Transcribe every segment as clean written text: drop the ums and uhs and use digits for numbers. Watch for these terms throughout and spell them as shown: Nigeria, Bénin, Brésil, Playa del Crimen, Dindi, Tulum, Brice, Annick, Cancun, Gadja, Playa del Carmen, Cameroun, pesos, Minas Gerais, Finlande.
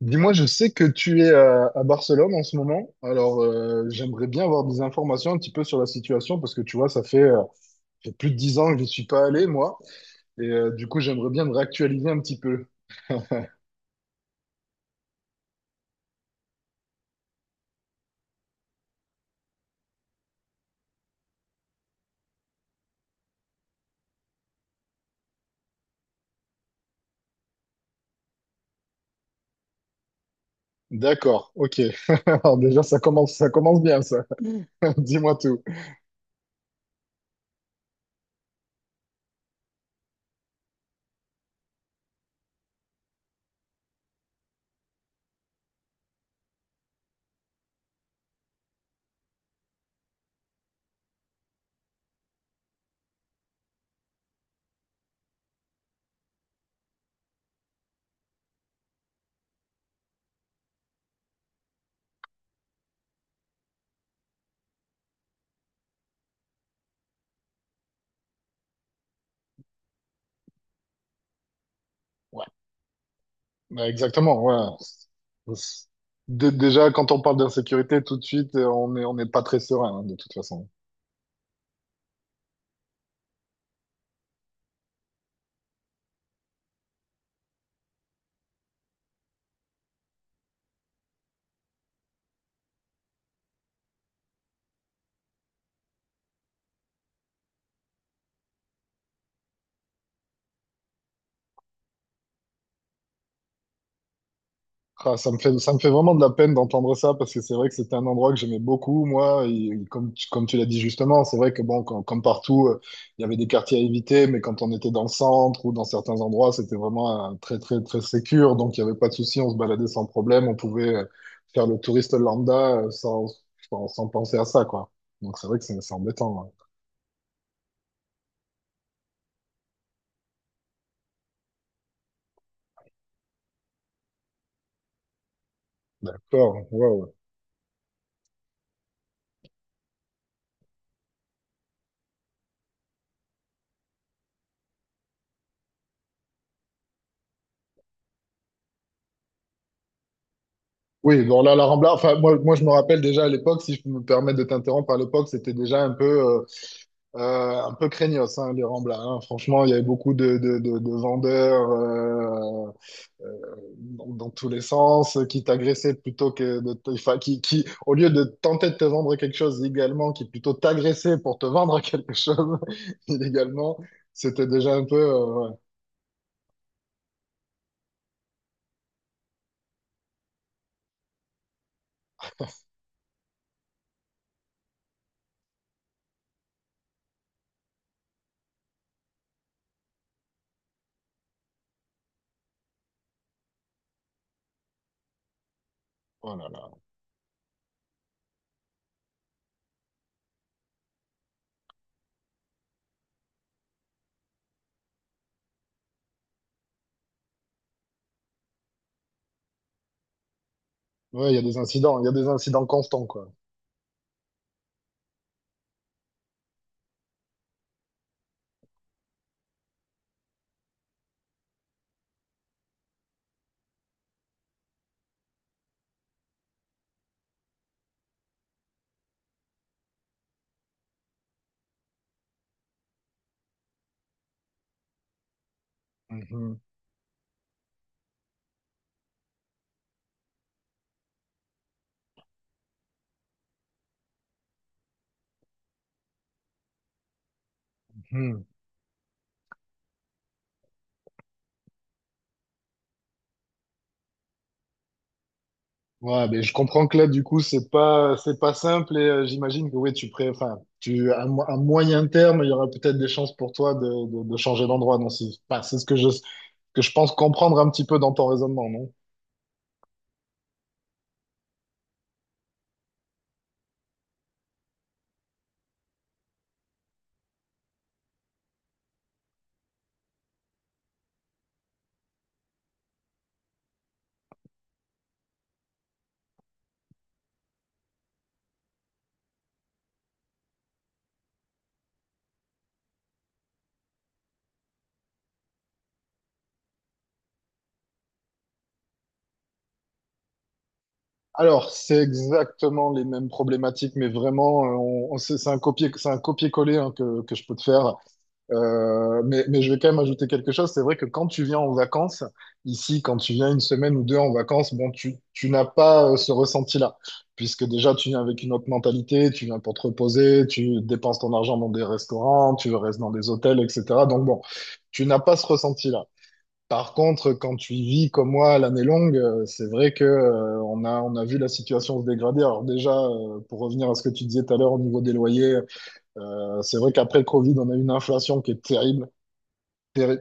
Dis-moi, je sais que tu es à Barcelone en ce moment, alors j'aimerais bien avoir des informations un petit peu sur la situation parce que tu vois, ça fait plus de 10 ans que je n'y suis pas allé, moi, et du coup, j'aimerais bien me réactualiser un petit peu. D'accord, ok. Alors déjà, ça commence bien, ça. Dis-moi tout. Ouais, bah, exactement, ouais. Déjà, quand on parle d'insécurité, tout de suite, on n'est pas très serein, hein, de toute façon. Ah, ça me fait vraiment de la peine d'entendre ça parce que c'est vrai que c'était un endroit que j'aimais beaucoup, moi. Et, comme, comme tu l'as dit justement, c'est vrai que bon, comme partout, il y avait des quartiers à éviter, mais quand on était dans le centre ou dans certains endroits, c'était vraiment très, très, très sécure. Donc il n'y avait pas de souci, on se baladait sans problème, on pouvait faire le touriste lambda sans penser à ça, quoi. Donc c'est vrai que c'est embêtant, ouais. D'accord, waouh. Oui, bon là, la Rambla, enfin moi, moi je me rappelle déjà à l'époque, si je peux me permettre de t'interrompre, à l'époque c'était déjà un peu, euh, un peu craignos, hein, les Ramblas, hein. Franchement, il y avait beaucoup de vendeurs dans tous les sens qui t'agressaient plutôt que de enfin, qui, au lieu de tenter de te vendre quelque chose légalement, qui plutôt t'agressaient pour te vendre quelque chose illégalement, c'était déjà un peu, ouais. Oh là là. Ouais, il y a des incidents, il y a des incidents constants, quoi. Mhm. Mhm. Ouais, mais je comprends que là, du coup, c'est pas simple et j'imagine que oui, enfin, à moyen terme, il y aura peut-être des chances pour toi de changer d'endroit. Non, c'est, enfin, c'est ce que je pense comprendre un petit peu dans ton raisonnement, non? Alors, c'est exactement les mêmes problématiques, mais vraiment, c'est un copier, c'est un copier-coller hein, que je peux te faire. Mais je vais quand même ajouter quelque chose. C'est vrai que quand tu viens en vacances, ici, quand tu viens une semaine ou deux en vacances, bon, tu n'as pas ce ressenti-là, puisque déjà, tu viens avec une autre mentalité, tu viens pour te reposer, tu dépenses ton argent dans des restaurants, tu restes dans des hôtels, etc. Donc bon, tu n'as pas ce ressenti-là. Par contre, quand tu vis comme moi l'année longue, c'est vrai que on a vu la situation se dégrader. Alors déjà, pour revenir à ce que tu disais tout à l'heure au niveau des loyers, c'est vrai qu'après le Covid, on a eu une inflation qui est terrible. Péri-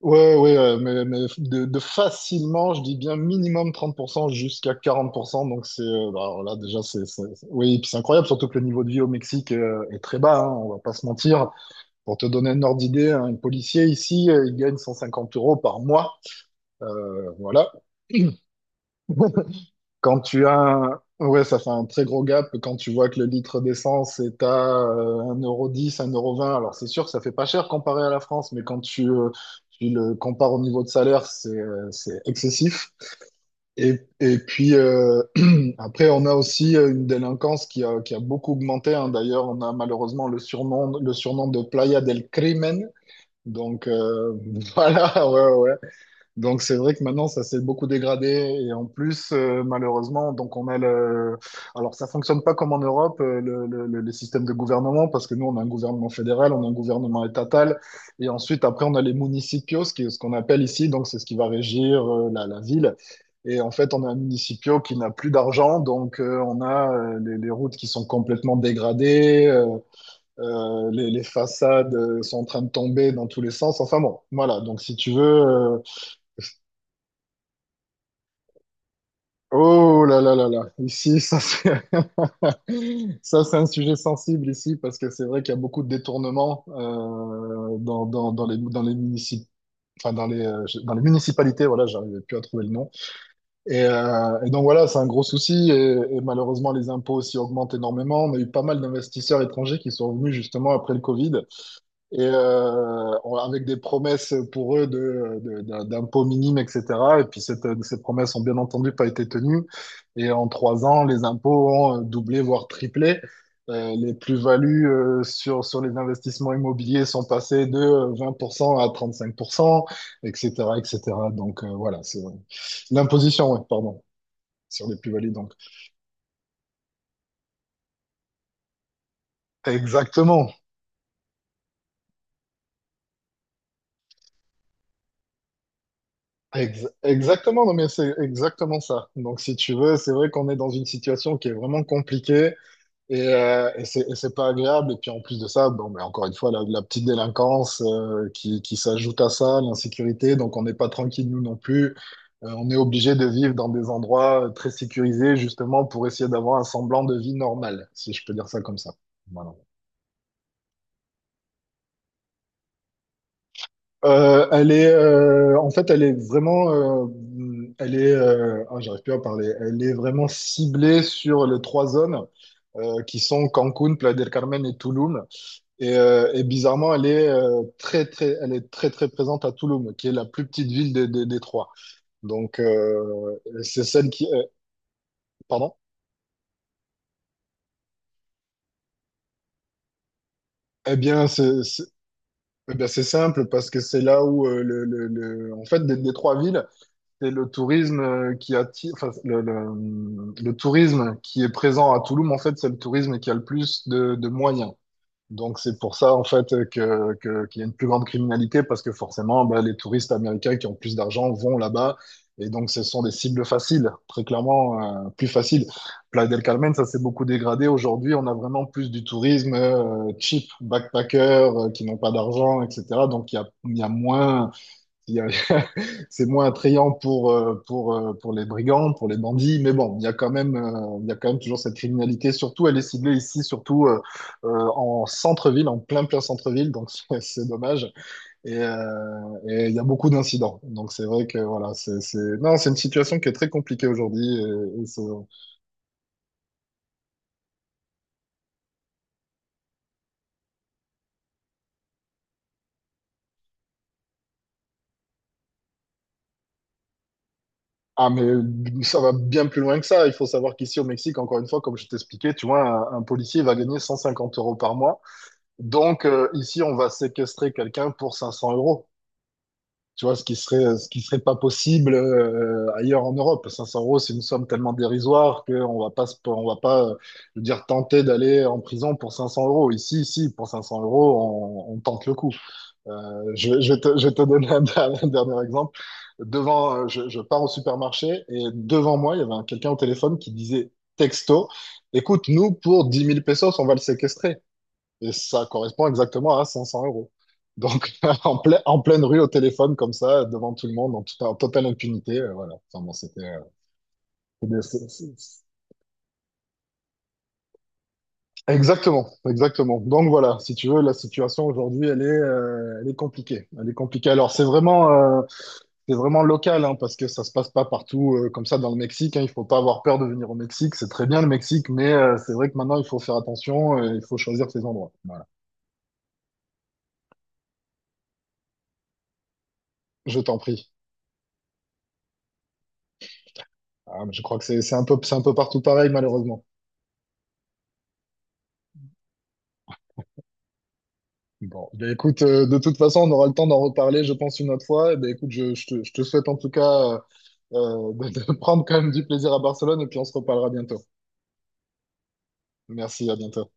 Ouais, ouais, ouais, mais de facilement, je dis bien minimum 30% jusqu'à 40%. Donc, bah, alors là, déjà, oui, et puis c'est incroyable, surtout que le niveau de vie au Mexique est très bas, hein, on va pas se mentir. Pour te donner un ordre d'idée, hein, un policier ici, il gagne 150 € par mois. Voilà. Quand tu as Ouais, ça fait un très gros gap quand tu vois que le litre d'essence est à un euro dix, un euro vingt. Alors c'est sûr que ça fait pas cher comparé à la France, mais tu le compares au niveau de salaire, c'est excessif. Et puis après, on a aussi une délinquance qui a beaucoup augmenté, hein. D'ailleurs, on a malheureusement le surnom de Playa del Crimen. Donc voilà, ouais, ouais. Donc c'est vrai que maintenant ça s'est beaucoup dégradé et en plus malheureusement donc on a le alors ça fonctionne pas comme en Europe les systèmes de gouvernement parce que nous on a un gouvernement fédéral, on a un gouvernement étatal et ensuite après on a les municipios, ce qui est ce qu'on appelle ici, donc c'est ce qui va régir la ville et en fait on a un municipio qui n'a plus d'argent donc on a les routes qui sont complètement dégradées les façades sont en train de tomber dans tous les sens. Enfin bon, voilà. Donc si tu veux, oh là là là là, ici, ça c'est ça c'est un sujet sensible ici parce que c'est vrai qu'il y a beaucoup de détournements dans les enfin dans les municipalités. Voilà, j'arrivais plus à trouver le nom. Donc voilà, c'est un gros souci et, malheureusement les impôts aussi augmentent énormément. On a eu pas mal d'investisseurs étrangers qui sont venus justement après le Covid et avec des promesses pour eux d'impôts minimes, etc. Et puis ces promesses ont bien entendu pas été tenues. Et en 3 ans, les impôts ont doublé, voire triplé. Les plus-values sur les investissements immobiliers sont passées de 20% à 35%, etc., etc. Donc voilà, c'est l'imposition, ouais, pardon, sur les plus-values. Donc. Exactement. Exactement, non mais c'est exactement ça. Donc si tu veux, c'est vrai qu'on est dans une situation qui est vraiment compliquée c'est c'est pas agréable. Et puis en plus de ça, bon, mais encore une fois, la petite délinquance qui s'ajoute à ça, l'insécurité, donc on n'est pas tranquille nous non plus. On est obligé de vivre dans des endroits très sécurisés justement pour essayer d'avoir un semblant de vie normale, si je peux dire ça comme ça. Voilà. En fait, elle est vraiment, elle est, ah, j'arrive plus à parler. Elle est vraiment ciblée sur les trois zones qui sont Cancun, Playa del Carmen et Tulum. Bizarrement, elle est elle est très, très présente à Tulum, qui est la plus petite ville des trois. Donc, c'est celle qui, pardon? Eh bien, c'est, c'est- eh bien, c'est simple parce que c'est là où en fait, des trois villes, c'est le tourisme qui attire, enfin, le tourisme qui est présent à Toulouse, en fait, c'est le tourisme qui a le plus de moyens. Donc, c'est pour ça, en fait, qu'il y a une plus grande criminalité parce que forcément, bah, les touristes américains qui ont plus d'argent vont là-bas. Et donc, ce sont des cibles faciles, très clairement, plus faciles. Playa del Carmen, ça s'est beaucoup dégradé. Aujourd'hui, on a vraiment plus du tourisme cheap, backpacker, qui n'ont pas d'argent, etc. Donc, il y a moins. Il y a- C'est moins attrayant pour les brigands, pour les bandits, mais bon, il y a quand même toujours cette criminalité. Surtout, elle est ciblée ici, surtout euh, en centre-ville, en plein plein centre-ville, donc c'est dommage. Et, euh, il y a beaucoup d'incidents. Donc c'est vrai que voilà, non, c'est une situation qui est très compliquée aujourd'hui, ah, mais ça va bien plus loin que ça. Il faut savoir qu'ici au Mexique, encore une fois, comme je t'expliquais, tu vois, un policier va gagner 150 € par mois. Donc, ici, on va séquestrer quelqu'un pour 500 euros. Tu vois, ce qui serait pas possible ailleurs en Europe. 500 euros, c'est une somme tellement dérisoire qu'on va pas, je veux dire, tenter d'aller en prison pour 500 euros. Ici, pour 500 euros, on tente le coup. Je vais te donner dernier un dernier exemple. Je pars au supermarché et devant moi, il y avait quelqu'un au téléphone qui disait texto, écoute, nous, pour 10 000 pesos, on va le séquestrer. Et ça correspond exactement à 500 euros. Donc, en pleine rue, au téléphone, comme ça, devant tout le monde, en totale impunité, voilà. Enfin, bon, c'était- c'est- c'est- c'est- exactement, exactement. Donc, voilà, si tu veux, la situation aujourd'hui, elle est compliquée. Elle est compliquée. Alors, c'est vraiment local, hein, parce que ça se passe pas partout comme ça dans le Mexique, hein. Il faut pas avoir peur de venir au Mexique. C'est très bien le Mexique, mais c'est vrai que maintenant, il faut faire attention, il faut choisir ses endroits. Voilà. Je t'en prie. Ah, mais je crois que c'est un peu partout pareil, malheureusement. Bon, ben écoute, de toute façon, on aura le temps d'en reparler, je pense, une autre fois. Eh ben écoute, je te souhaite en tout cas de prendre quand même du plaisir à Barcelone et puis on se reparlera bientôt. Merci, à bientôt.